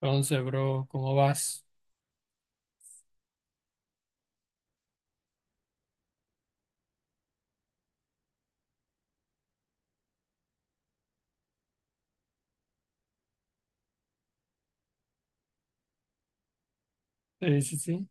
Entonces, bro, ¿cómo vas? Sí, sí, sí.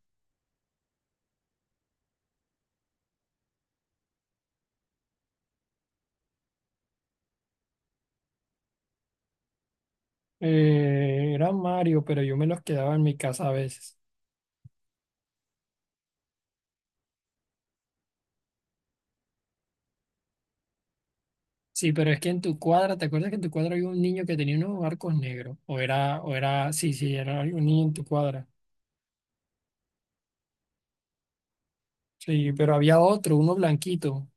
Era Mario, pero yo me los quedaba en mi casa a veces. Sí, pero es que en tu cuadra, ¿te acuerdas que en tu cuadra había un niño que tenía unos arcos negros? O era, sí, sí, era un niño en tu cuadra. Sí, pero había otro, uno blanquito.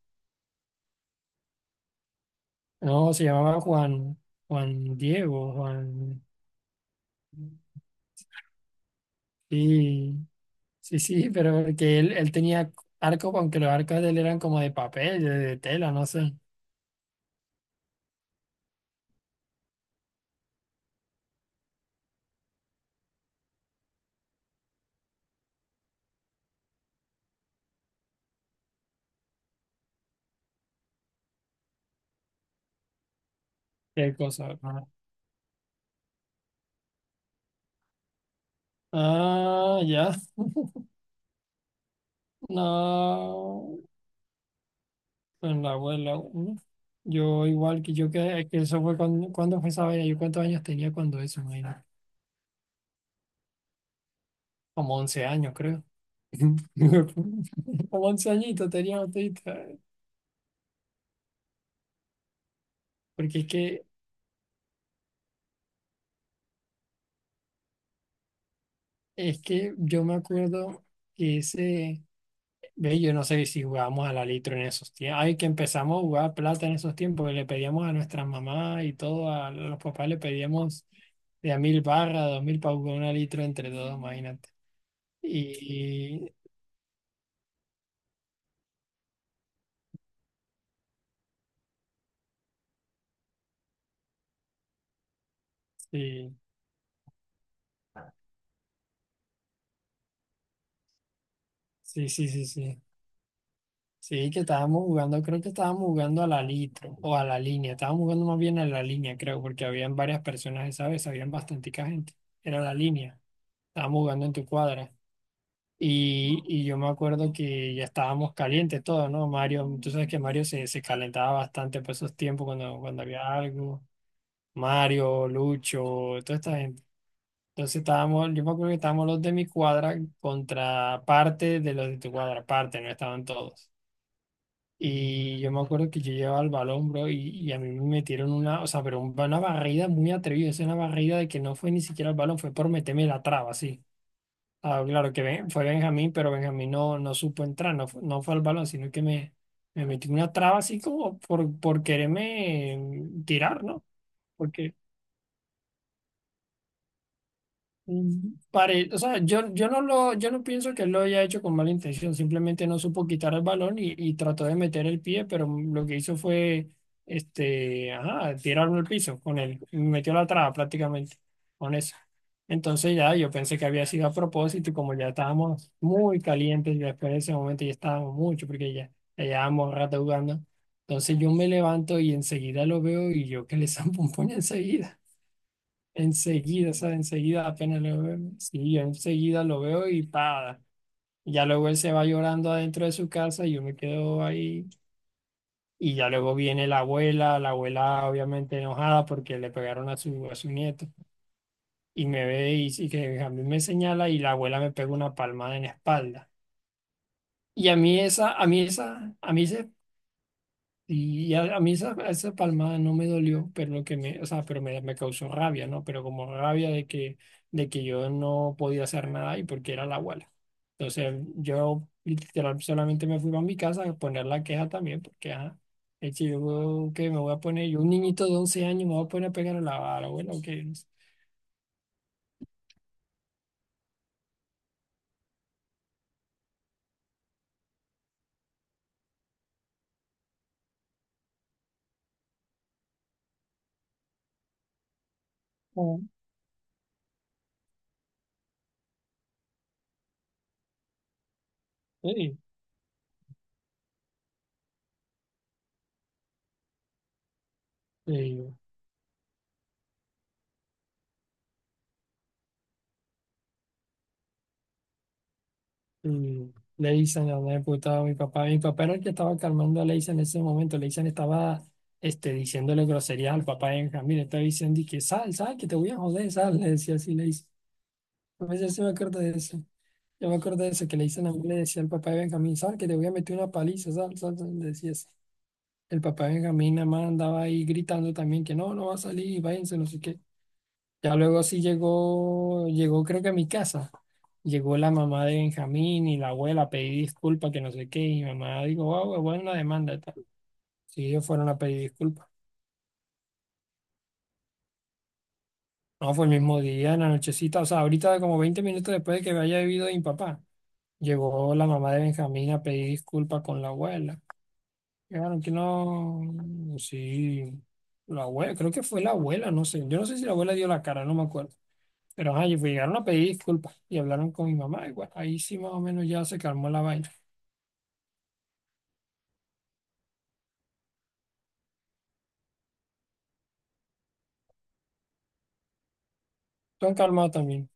No, se llamaba Juan, Juan Diego, Juan. Sí, sí, sí, pero que él tenía arcos, aunque los arcos de él eran como de papel, de tela, no sé. Qué cosa. Ah, ah, ya. No, pues la abuela, ¿no? Yo que eso fue cuando, cuando fue esa vaina, yo cuántos años tenía cuando eso, imagínate, como 11 años creo. Como 11 añitos tenía botita, porque es que yo me acuerdo que ese, ve, yo no sé si jugábamos a la litro en esos tiempos, ay, que empezamos a jugar plata en esos tiempos, que le pedíamos a nuestras mamás y todo, a los papás le pedíamos de a mil barras, dos mil para jugar una litro entre todos, imagínate. Y sí, sí, sí, sí, sí. Sí, que estábamos jugando, creo que estábamos jugando a la litro o a la línea. Estábamos jugando más bien a la línea, creo, porque habían varias personas esa vez, habían bastante gente. Era la línea. Estábamos jugando en tu cuadra. Y yo me acuerdo que ya estábamos calientes todos, ¿no? Mario, tú sabes que Mario se calentaba bastante por esos tiempos cuando, cuando había algo. Mario, Lucho, toda esta gente. Entonces estábamos, yo me acuerdo que estábamos los de mi cuadra contra parte de los de tu cuadra, parte, no estaban todos. Y yo me acuerdo que yo llevaba el balón, bro, y a mí me metieron una, o sea, pero una barrida muy atrevida, es una barrida de que no fue ni siquiera el balón, fue por meterme la traba, sí. Ah, claro que fue Benjamín, pero Benjamín no, no supo entrar, no, no fue al balón, sino que me metió una traba así como por quererme tirar, ¿no? Porque mm, o sea, yo, yo no pienso que él lo haya hecho con mala intención, simplemente no supo quitar el balón y trató de meter el pie, pero lo que hizo fue, ajá, tirarlo al piso con él, metió la traba prácticamente con eso. Entonces ya yo pensé que había sido a propósito y como ya estábamos muy calientes, ya después de ese momento ya estábamos mucho porque ya, ya llevábamos rato jugando. Entonces yo me levanto y enseguida lo veo y yo que le zampo un puño enseguida. Enseguida, o sea, enseguida apenas lo veo, sí, yo enseguida lo veo y para. Ya luego él se va llorando adentro de su casa y yo me quedo ahí. Y ya luego viene la abuela obviamente enojada porque le pegaron a su nieto. Y me ve y que a mí me señala y la abuela me pega una palmada en la espalda. Y a mí esa, a mí esa, a mí ese Y a, mí esa, esa palmada no me dolió, pero lo que me, o sea, pero me causó rabia, ¿no? Pero como rabia de que yo no podía hacer nada y porque era la abuela. Entonces yo literal solamente me fui a mi casa a poner la queja también, porque ajá, eche, yo que me voy a poner, yo un niñito de 11 años me voy a poner a pegar a la abuela, ¿o qué? No. Mm. Sí, sí, y Leisen la había puteado a mi papá. Mi papá era el que estaba calmando a Leisen en ese momento. Leisen estaba, diciéndole groserías al papá de Benjamín. Le estaba diciendo y que sal, sal, que te voy a joder, sal. Le decía así Leisen. A veces sí me acuerdo de eso. Yo me acuerdo de eso, que Leisen a mí le decía al papá de Benjamín, sal, que te voy a meter una paliza, sal, sal, sal. Le decía así. El papá de Benjamín nada más andaba ahí gritando también que no, no va a salir, váyanse, no sé qué. Ya luego sí llegó, llegó creo que a mi casa. Llegó la mamá de Benjamín y la abuela, pedí disculpas, que no sé qué. Y mi mamá dijo, wow, bueno, la demanda y tal. Sí, ellos fueron a pedir disculpas. No, fue el mismo día, en la nochecita, o sea, ahorita como 20 minutos después de que me haya vivido mi papá, llegó la mamá de Benjamín a pedir disculpas con la abuela. Claro que no, sí, la abuela, creo que fue la abuela, no sé. Yo no sé si la abuela dio la cara, no me acuerdo. Pero ajá, y llegaron a pedir disculpas y hablaron con mi mamá. Y bueno, ahí sí más o menos ya se calmó la vaina. Tú han calmado también.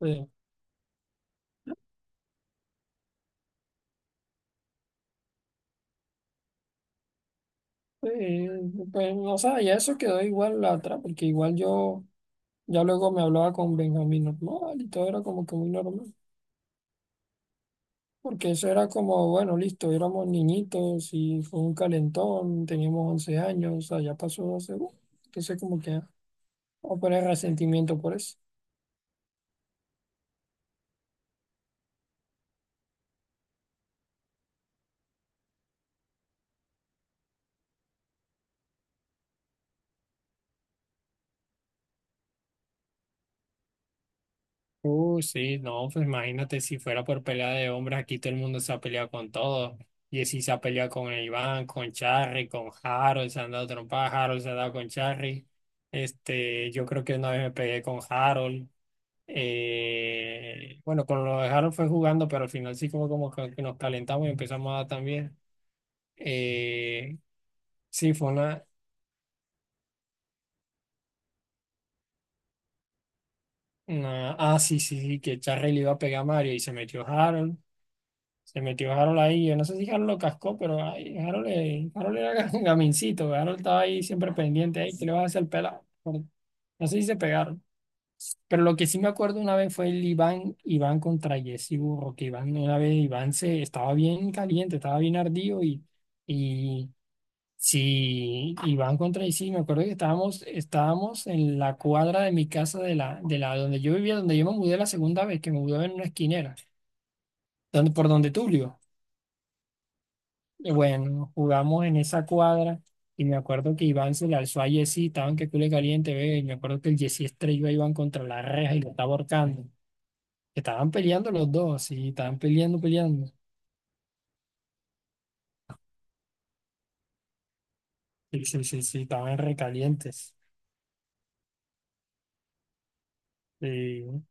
Sí. Sí, pues no sé, ya eso quedó igual la otra, porque igual yo ya luego me hablaba con Benjamín normal y todo era como que muy normal. Porque eso era como, bueno, listo, éramos niñitos y fue un calentón, teníamos 11 años, o sea, ya pasó 12, entonces como que ah, no poner resentimiento por eso. Sí, no, pues imagínate si fuera por pelea de hombres, aquí todo el mundo se ha peleado con todos. Jessy se ha peleado con Iván, con Charry, con Harold, se han dado trompadas, Harold se ha dado con Charry. Yo creo que una vez me pegué con Harold. Bueno, con lo de Harold fue jugando, pero al final sí como, como que nos calentamos y empezamos a dar también. Eh, sí, fue una... Ah, sí, sí, sí, que Charry le iba a pegar a Mario y se metió Harold. Se metió Harold ahí. Yo no sé si Harold lo cascó, pero ay, Harold, Harold era gamincito. Harold estaba ahí siempre pendiente. Ay, ¿qué le vas a hacer al pelado? No sé si se pegaron. Pero lo que sí me acuerdo una vez fue el Iván, Iván contra Jesse Burro, que Iván, una vez Iván se estaba bien caliente, estaba bien ardido y sí, Iván contra Jesse, me acuerdo que estábamos, estábamos en la cuadra de mi casa de de la donde yo vivía, donde yo me mudé la segunda vez, que me mudé en una esquinera, donde, por donde Tulio. Bueno, jugamos en esa cuadra y me acuerdo que Iván se le alzó a Jessy, estaban que cule caliente, ve, y me acuerdo que el Jessy estrelló a Iván contra la reja y lo estaba ahorcando. Estaban peleando los dos, y estaban peleando, peleando. Sí, sí, sí, sí, estaban recalientes. Sí,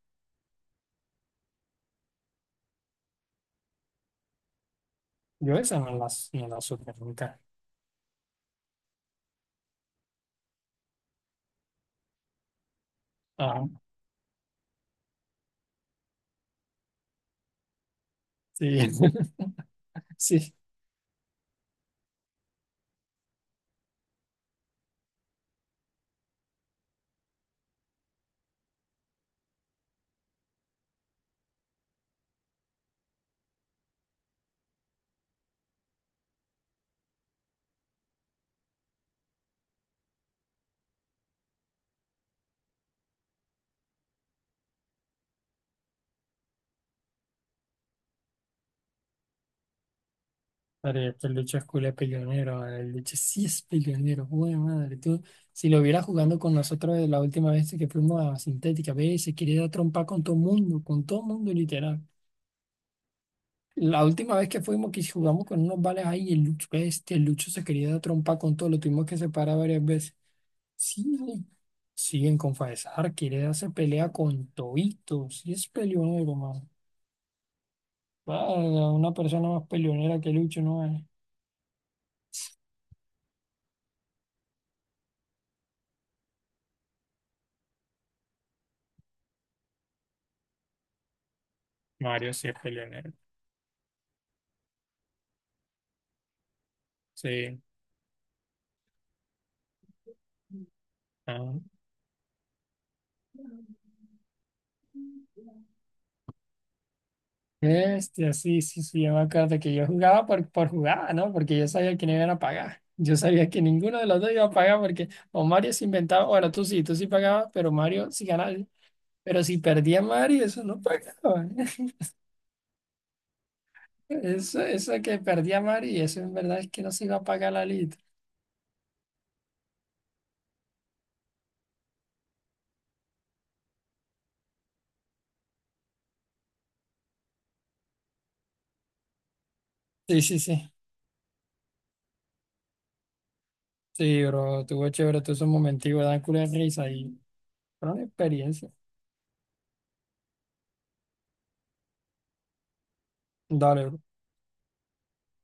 yo esa no no la supe nunca. Ah, sí, sí. Madre, el Lucho es culo de peleonero, madre, el Lucho sí es peleonero, buena madre, tú, si lo vieras jugando con nosotros la última vez que fuimos a Sintética, ve, se quería dar trompa con todo mundo literal. La última vez que fuimos que jugamos con unos vales ahí, el Lucho, el Lucho se quería dar trompa con todo, lo tuvimos que separar varias veces. Sí, sí, siguen con Faesar, quiere darse pelea con Tobito, sí es peleonero, man. Vaya, una persona más peleonera que Lucho no es. Mario sí es peleonero, sí. Ah, sí, sí, sí, yo me acuerdo que yo jugaba por jugada, ¿no? Porque yo sabía que no iban a pagar. Yo sabía que ninguno de los dos iba a pagar porque o Mario se inventaba, bueno, tú sí pagabas, pero Mario sí ganaba. Pero si perdía Mario, eso no pagaba. Eso que perdía Mario, eso en verdad es que no se iba a pagar la lista. Sí, sí, sí. Sí, bro, tuvo chévere, tuvo esos momentos, dan culo de risa y fueron experiencia. Dale, bro.